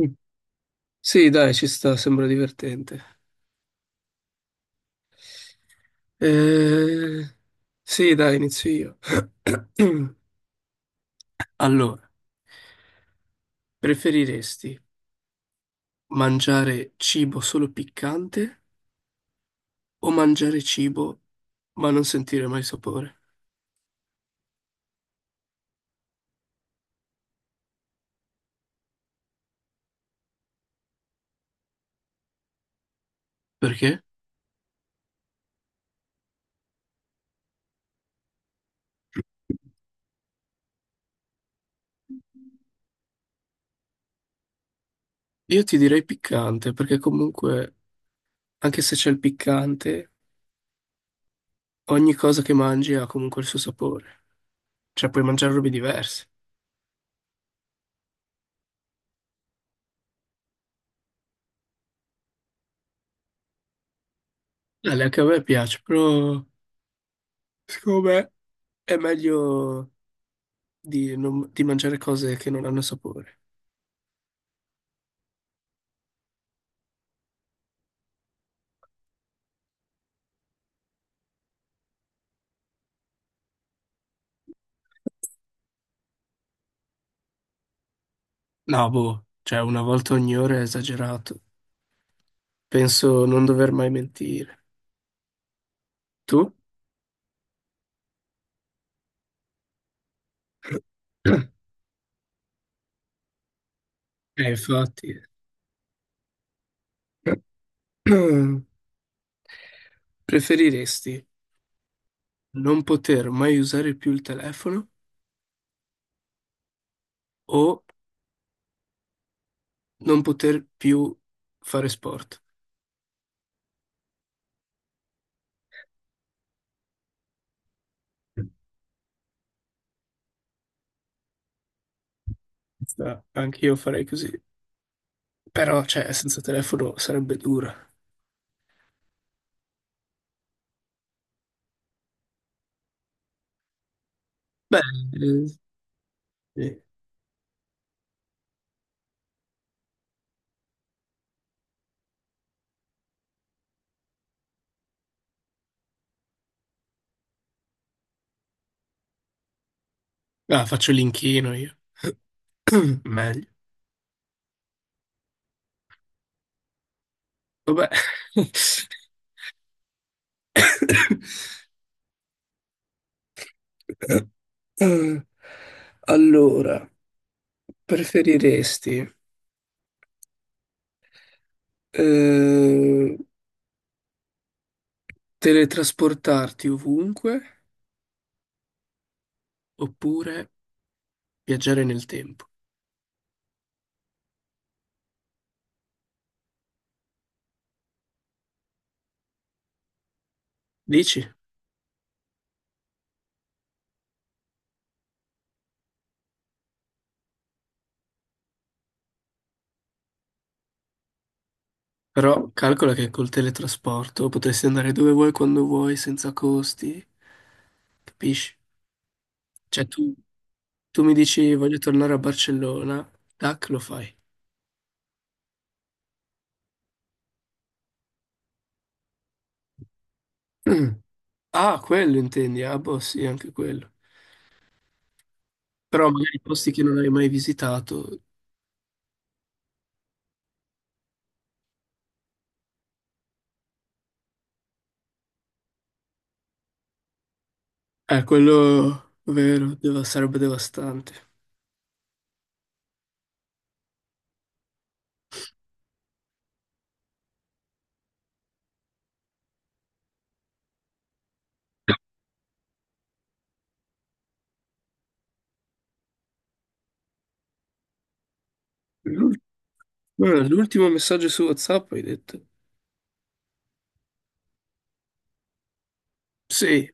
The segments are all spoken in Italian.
Mm. Sì, dai, ci sta, sembra divertente. Eh, Sì, dai, inizio io. Allora, preferiresti mangiare cibo solo piccante o mangiare cibo ma non sentire mai sapore? Perché? Io ti direi piccante, perché comunque, anche se c'è il piccante, ogni cosa che mangi ha comunque il suo sapore. Cioè, puoi mangiare robe diverse. Dai, anche a me piace, però secondo me è meglio di mangiare cose che non hanno sapore. No, boh, cioè una volta ogni ora è esagerato. Penso non dover mai mentire. Tu? Infatti. Preferiresti non poter mai usare più il telefono o non poter più fare sport? Anche io farei così. Però, cioè, senza telefono sarebbe dura. Beh, eh, sì. Ah, faccio l'inchino io. Meglio. Vabbè. Mm. Allora, preferiresti eh, teletrasportarti ovunque oppure viaggiare nel tempo? Dici? Però calcola che col teletrasporto potresti andare dove vuoi, quando vuoi, senza costi, capisci? Cioè tu, tu mi dici voglio tornare a Barcellona, tac, lo fai. Mm. Ah, quello intendi? Ah, boh, sì, anche quello. Però magari posti che non hai mai visitato. Quello vero, sarebbe devastante. L'ul- guarda, l'ultimo messaggio su WhatsApp hai detto? Sì.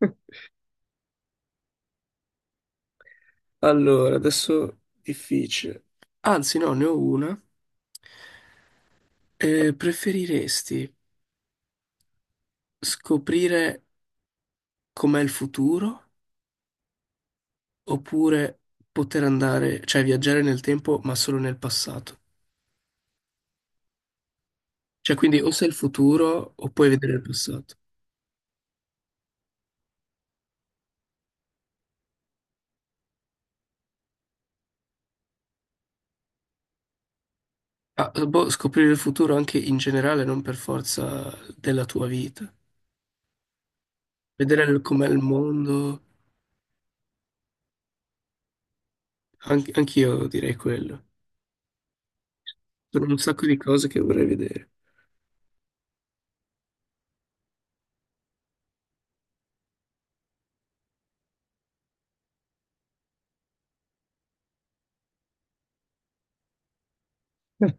Allora, adesso difficile. Anzi, no, ne ho una. Preferiresti scoprire com'è il futuro oppure poter andare, cioè viaggiare nel tempo, ma solo nel passato? Cioè, quindi o sei il futuro o puoi vedere il passato. Ah, boh, scoprire il futuro anche in generale, non per forza della tua vita. Vedere com'è il mondo, anche anch'io direi quello. Sono un sacco di cose che vorrei vedere.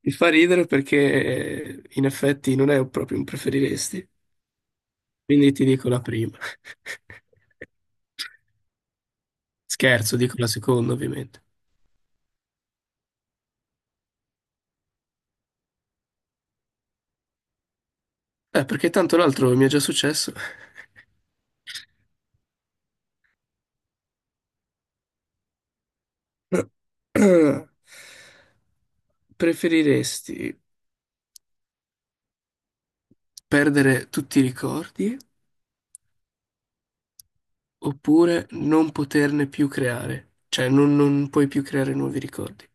Mi fa ridere perché in effetti non è proprio un preferiresti, quindi ti dico la prima. Scherzo, dico la seconda ovviamente. Perché tanto l'altro mi è già successo. Preferiresti perdere tutti i ricordi oppure non poterne più creare? Cioè non puoi più creare nuovi ricordi?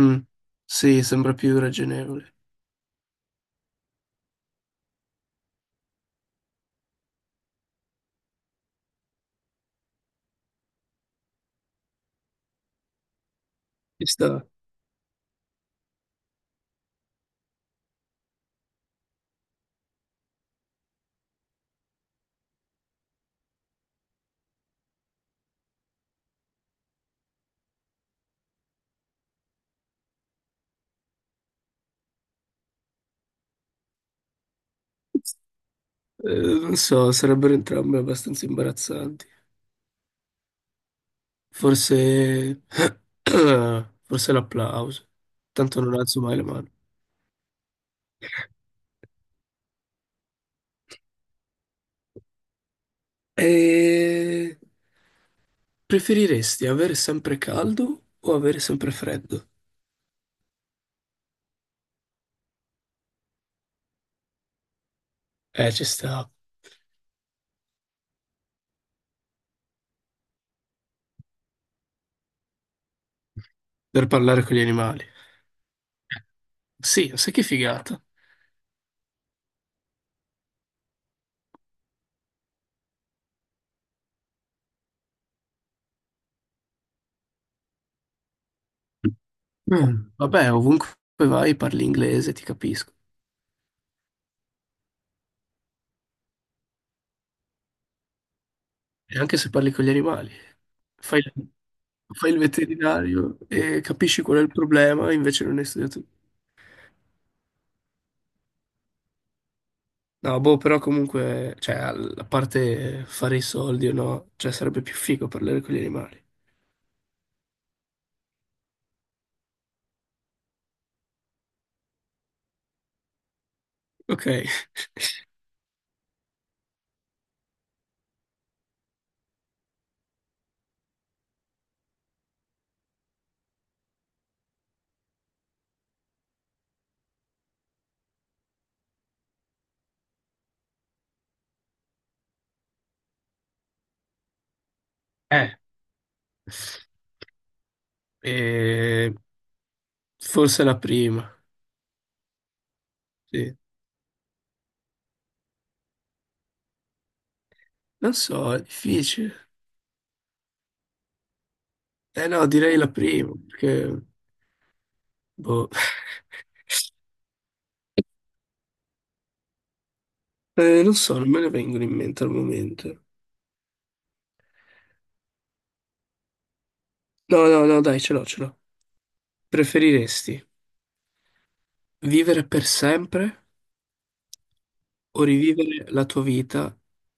Mm, sì, sembra più ragionevole. Ci sta. Eh, non so, sarebbero entrambe abbastanza imbarazzanti. Forse... Forse l'applauso. Tanto non alzo mai la mano. E... preferiresti avere sempre caldo o avere sempre freddo? Ci sta. Per parlare con gli animali. Sì, sai che figata. Mm, vabbè, ovunque vai parli inglese, ti capisco. E anche se parli con gli animali, fai, fai il veterinario e capisci qual è il problema, invece non hai studiato. No, boh, però comunque, cioè, a parte fare i soldi o no, cioè, sarebbe più figo parlare con gli animali. Ok. Eh, eh, forse la prima, sì. Non so, è difficile. Eh no, direi la prima, perché, boh, non so, non me ne vengono in mente al momento. No, no, no, dai, ce l'ho, ce l'ho. Preferiresti vivere per sempre o rivivere la tua vita,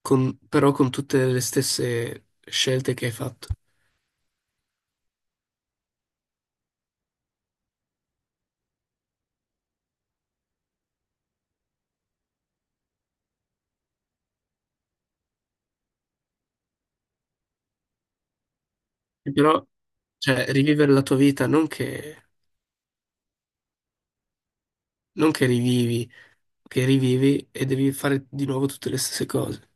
però con tutte le stesse scelte che hai fatto. E però, cioè, rivivere la tua vita non che, non che rivivi, che rivivi e devi fare di nuovo tutte le stesse cose.